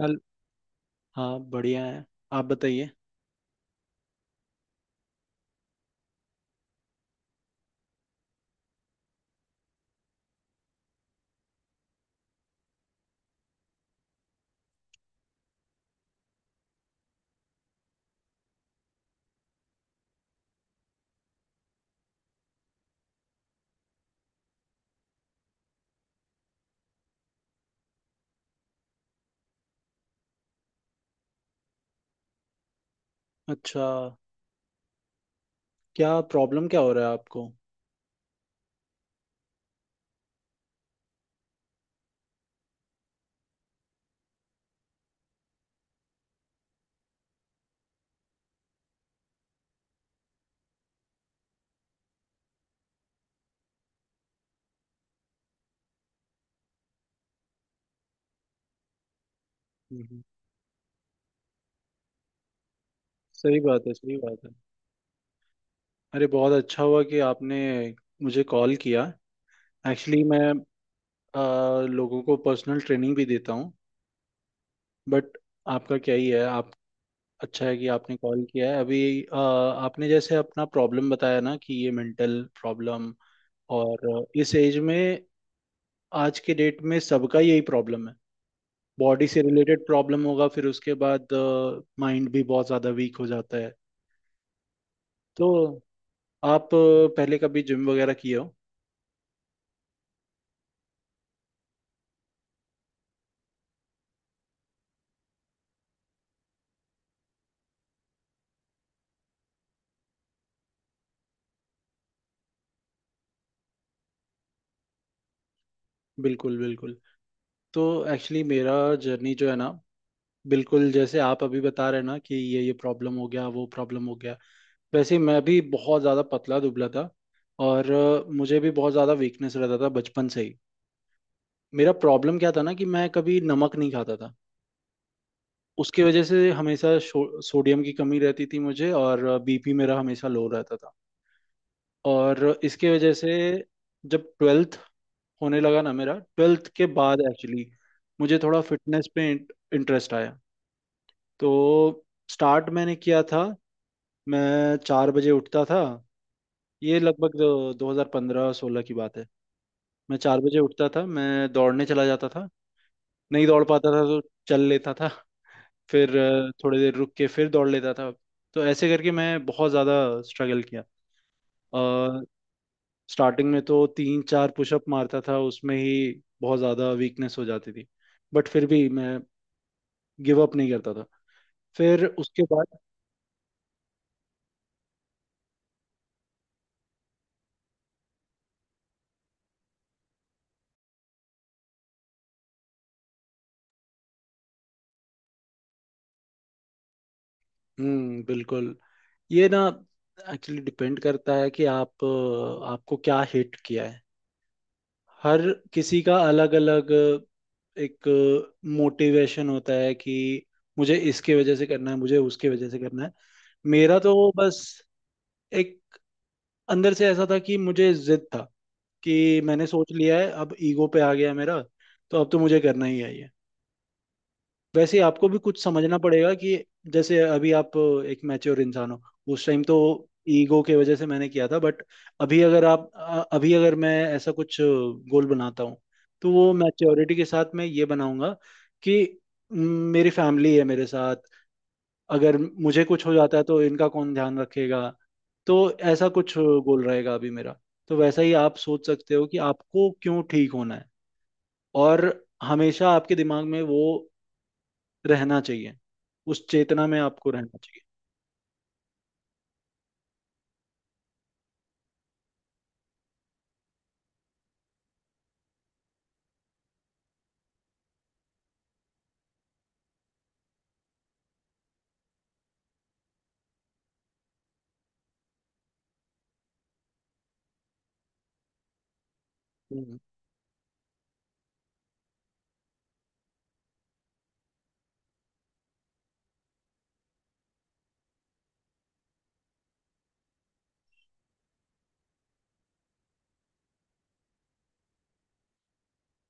चल। हाँ, बढ़िया है। आप बताइए। अच्छा, क्या प्रॉब्लम क्या हो रहा है आपको? हम्म, सही बात है, सही बात है। अरे, बहुत अच्छा हुआ कि आपने मुझे कॉल किया। एक्चुअली मैं अ, लोगों को पर्सनल ट्रेनिंग भी देता हूँ, बट आपका क्या ही है आप। अच्छा है कि आपने कॉल किया है अभी। आपने जैसे अपना प्रॉब्लम बताया ना कि ये मेंटल प्रॉब्लम। और इस एज में, आज के डेट में सबका यही प्रॉब्लम है। बॉडी से रिलेटेड प्रॉब्लम होगा, फिर उसके बाद माइंड भी बहुत ज़्यादा वीक हो जाता है। तो आप पहले कभी जिम वगैरह किए हो? बिल्कुल बिल्कुल। तो एक्चुअली मेरा जर्नी जो है ना, बिल्कुल जैसे आप अभी बता रहे हैं ना कि ये प्रॉब्लम हो गया, वो प्रॉब्लम हो गया, वैसे ही मैं भी बहुत ज़्यादा पतला दुबला था। और मुझे भी बहुत ज़्यादा वीकनेस रहता था बचपन से ही। मेरा प्रॉब्लम क्या था ना कि मैं कभी नमक नहीं खाता था। उसकी वजह से हमेशा सोडियम की कमी रहती थी मुझे, और बीपी मेरा हमेशा लो रहता था। और इसकी वजह से जब 12th होने लगा ना, मेरा 12th के बाद एक्चुअली मुझे थोड़ा फिटनेस पे इंटरेस्ट आया। तो स्टार्ट मैंने किया था। मैं 4 बजे उठता था। ये लगभग 2015-16 की बात है। मैं 4 बजे उठता था, मैं दौड़ने चला जाता था। नहीं दौड़ पाता था तो चल लेता था। फिर थोड़ी देर रुक के फिर दौड़ लेता था। तो ऐसे करके मैं बहुत ज़्यादा स्ट्रगल किया। स्टार्टिंग में तो तीन चार पुशअप मारता था उसमें ही बहुत ज़्यादा वीकनेस हो जाती थी, बट फिर भी मैं गिव अप नहीं करता था। फिर उसके बाद हम्म, बिल्कुल। ये ना एक्चुअली डिपेंड करता है कि आप, आपको क्या हिट किया है। हर किसी का अलग अलग एक मोटिवेशन होता है कि मुझे इसके वजह से करना है, मुझे उसके वजह से करना है। मेरा तो बस एक अंदर से ऐसा था कि मुझे जिद था, कि मैंने सोच लिया है, अब ईगो पे आ गया है मेरा। तो अब तो मुझे करना ही है ये। वैसे ही आपको भी कुछ समझना पड़ेगा कि जैसे अभी आप एक मैच्योर इंसान हो। उस टाइम तो ईगो के वजह से मैंने किया था, बट अभी अगर आप अभी अगर मैं ऐसा कुछ गोल बनाता हूँ तो वो मैच्योरिटी के साथ मैं ये बनाऊंगा कि म, मेरी फैमिली है मेरे साथ। अगर मुझे कुछ हो जाता है तो इनका कौन ध्यान रखेगा? तो ऐसा कुछ गोल रहेगा अभी मेरा। तो वैसा ही आप सोच सकते हो कि आपको क्यों ठीक होना है। और हमेशा आपके दिमाग में वो रहना चाहिए, उस चेतना में आपको रहना चाहिए। हम्म।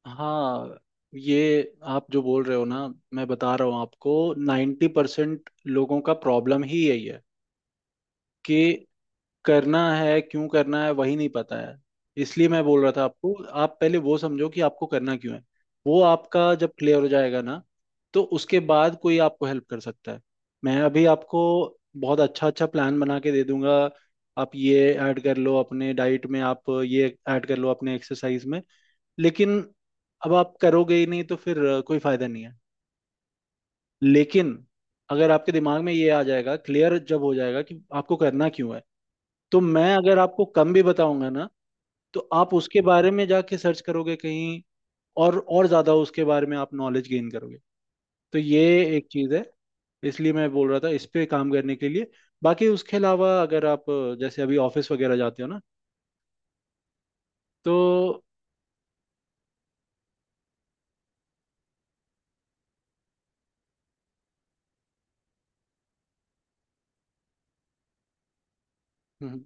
हाँ, ये आप जो बोल रहे हो ना, मैं बता रहा हूँ आपको, 90% लोगों का प्रॉब्लम ही यही है। कि करना है, क्यों करना है वही नहीं पता है। इसलिए मैं बोल रहा था आपको, आप पहले वो समझो कि आपको करना क्यों है। वो आपका जब क्लियर हो जाएगा ना तो उसके बाद कोई आपको हेल्प कर सकता है। मैं अभी आपको बहुत अच्छा अच्छा प्लान बना के दे दूंगा। आप ये ऐड कर लो अपने डाइट में, आप ये ऐड कर लो अपने एक्सरसाइज में, लेकिन अब आप करोगे ही नहीं तो फिर कोई फायदा नहीं है। लेकिन अगर आपके दिमाग में ये आ जाएगा, क्लियर जब हो जाएगा कि आपको करना क्यों है, तो मैं अगर आपको कम भी बताऊंगा ना तो आप उसके बारे में जाके सर्च करोगे कहीं, और ज्यादा उसके बारे में आप नॉलेज गेन करोगे। तो ये एक चीज है। इसलिए मैं बोल रहा था इस पे काम करने के लिए। बाकी उसके अलावा अगर आप, जैसे अभी ऑफिस वगैरह जाते हो ना तो, हम्म,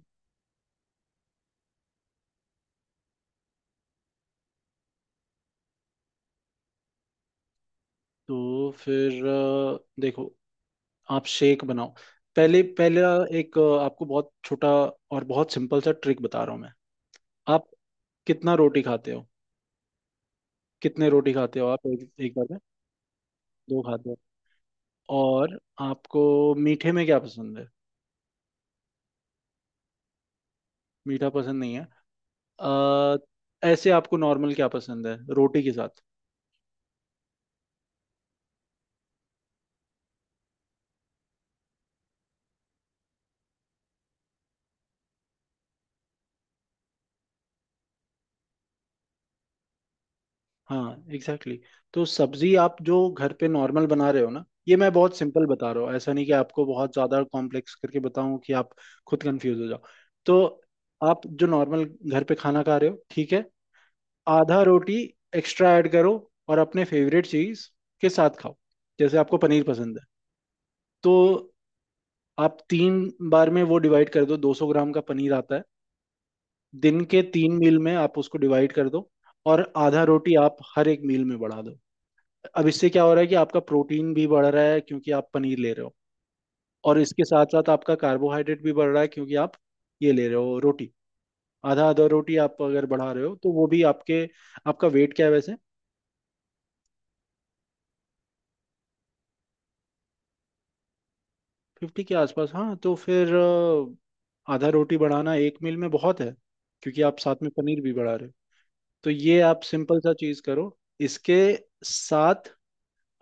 तो फिर देखो, आप शेक बनाओ। पहले, पहला एक, आपको बहुत छोटा और बहुत सिंपल सा ट्रिक बता रहा हूँ मैं। आप कितना रोटी खाते हो? कितने रोटी खाते हो आप एक बार में? दो खाते हो? और आपको मीठे में क्या पसंद है? मीठा पसंद नहीं है। अ, ऐसे आपको नॉर्मल क्या पसंद है रोटी के साथ? हाँ, एग्जैक्टली exactly। तो सब्जी आप जो घर पे नॉर्मल बना रहे हो ना, ये मैं बहुत सिंपल बता रहा हूँ, ऐसा नहीं कि आपको बहुत ज्यादा कॉम्प्लेक्स करके बताऊं कि आप खुद कंफ्यूज हो जाओ। तो आप जो नॉर्मल घर पे खाना खा रहे हो, ठीक है, आधा रोटी एक्स्ट्रा ऐड करो और अपने फेवरेट चीज के साथ खाओ। जैसे आपको पनीर पसंद है, तो आप तीन बार में वो डिवाइड कर दो। 200 ग्राम का पनीर आता है, दिन के तीन मील में आप उसको डिवाइड कर दो। और आधा रोटी आप हर एक मील में बढ़ा दो। अब इससे क्या हो रहा है कि आपका प्रोटीन भी बढ़ रहा है क्योंकि आप पनीर ले रहे हो, और इसके साथ साथ आपका कार्बोहाइड्रेट भी बढ़ रहा है क्योंकि आप ये ले रहे हो रोटी। आधा आधा रोटी आप अगर बढ़ा रहे हो तो वो भी आपके। आपका वेट क्या है वैसे? 50 के आसपास। हाँ, तो फिर आधा रोटी बढ़ाना एक मील में बहुत है, क्योंकि आप साथ में पनीर भी बढ़ा रहे हो। तो ये आप सिंपल सा चीज करो। इसके साथ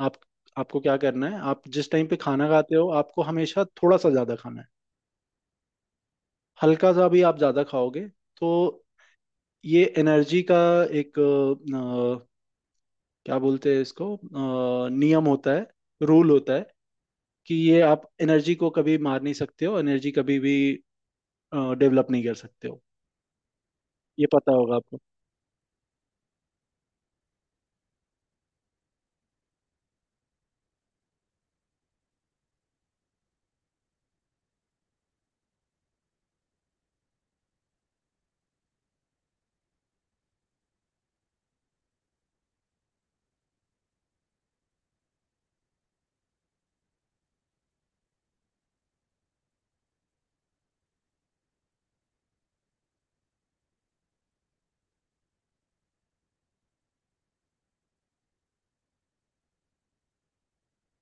आप, आपको क्या करना है, आप जिस टाइम पे खाना खाते हो आपको हमेशा थोड़ा सा ज्यादा खाना है। हल्का सा भी आप ज्यादा खाओगे तो ये एनर्जी का एक, क्या बोलते हैं इसको, नियम होता है, रूल होता है, कि ये आप एनर्जी को कभी मार नहीं सकते हो, एनर्जी कभी भी डेवलप नहीं कर सकते हो। ये पता होगा आपको।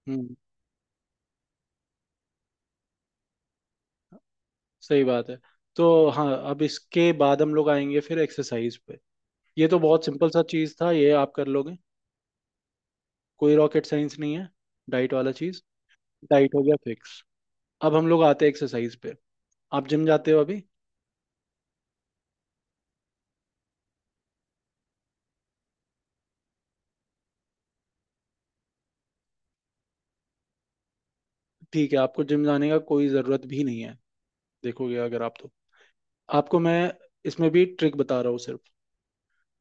हम्म, सही बात है। तो हाँ, अब इसके बाद हम लोग आएंगे फिर एक्सरसाइज पे। ये तो बहुत सिंपल सा चीज था, ये आप कर लोगे, कोई रॉकेट साइंस नहीं है डाइट वाला चीज। डाइट हो गया फिक्स। अब हम लोग आते हैं एक्सरसाइज पे। आप जिम जाते हो अभी? ठीक है, आपको जिम जाने का कोई जरूरत भी नहीं है। देखोगे अगर आप, तो आपको मैं इसमें भी ट्रिक बता रहा हूँ सिर्फ।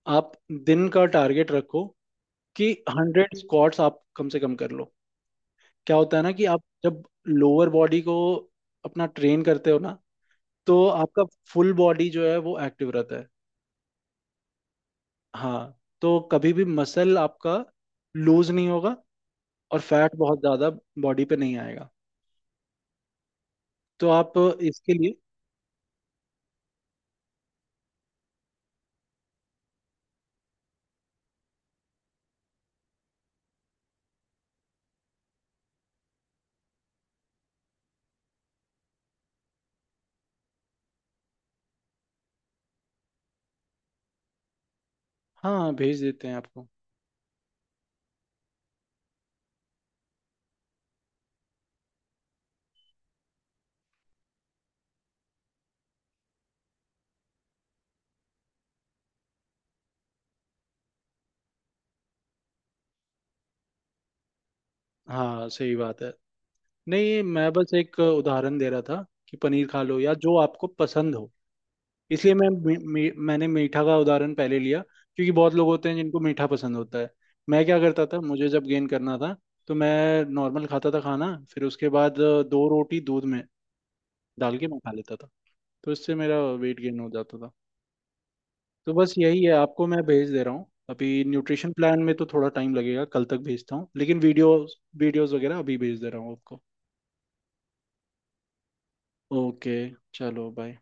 आप दिन का टारगेट रखो कि 100 स्क्वाट्स आप कम से कम कर लो। क्या होता है ना कि आप जब लोअर बॉडी को अपना ट्रेन करते हो ना, तो आपका फुल बॉडी जो है वो एक्टिव रहता है। हाँ, तो कभी भी मसल आपका लूज नहीं होगा और फैट बहुत ज़्यादा बॉडी पे नहीं आएगा। तो आप इसके लिए, हाँ, भेज देते हैं आपको। हाँ, सही बात है। नहीं, मैं बस एक उदाहरण दे रहा था कि पनीर खा लो या जो आपको पसंद हो। इसलिए मैं, मी, मी, मैंने मीठा का उदाहरण पहले लिया, क्योंकि बहुत लोग होते हैं जिनको मीठा पसंद होता है। मैं क्या करता था, मुझे जब गेन करना था तो मैं नॉर्मल खाता था खाना, फिर उसके बाद दो रोटी दूध में डाल के मैं खा लेता था। तो इससे मेरा वेट गेन हो जाता था। तो बस यही है, आपको मैं भेज दे रहा हूँ अभी। न्यूट्रिशन प्लान में तो थोड़ा टाइम लगेगा, कल तक भेजता हूँ, लेकिन वीडियोस वीडियोस वगैरह अभी भेज दे रहा हूँ आपको। ओके, चलो बाय।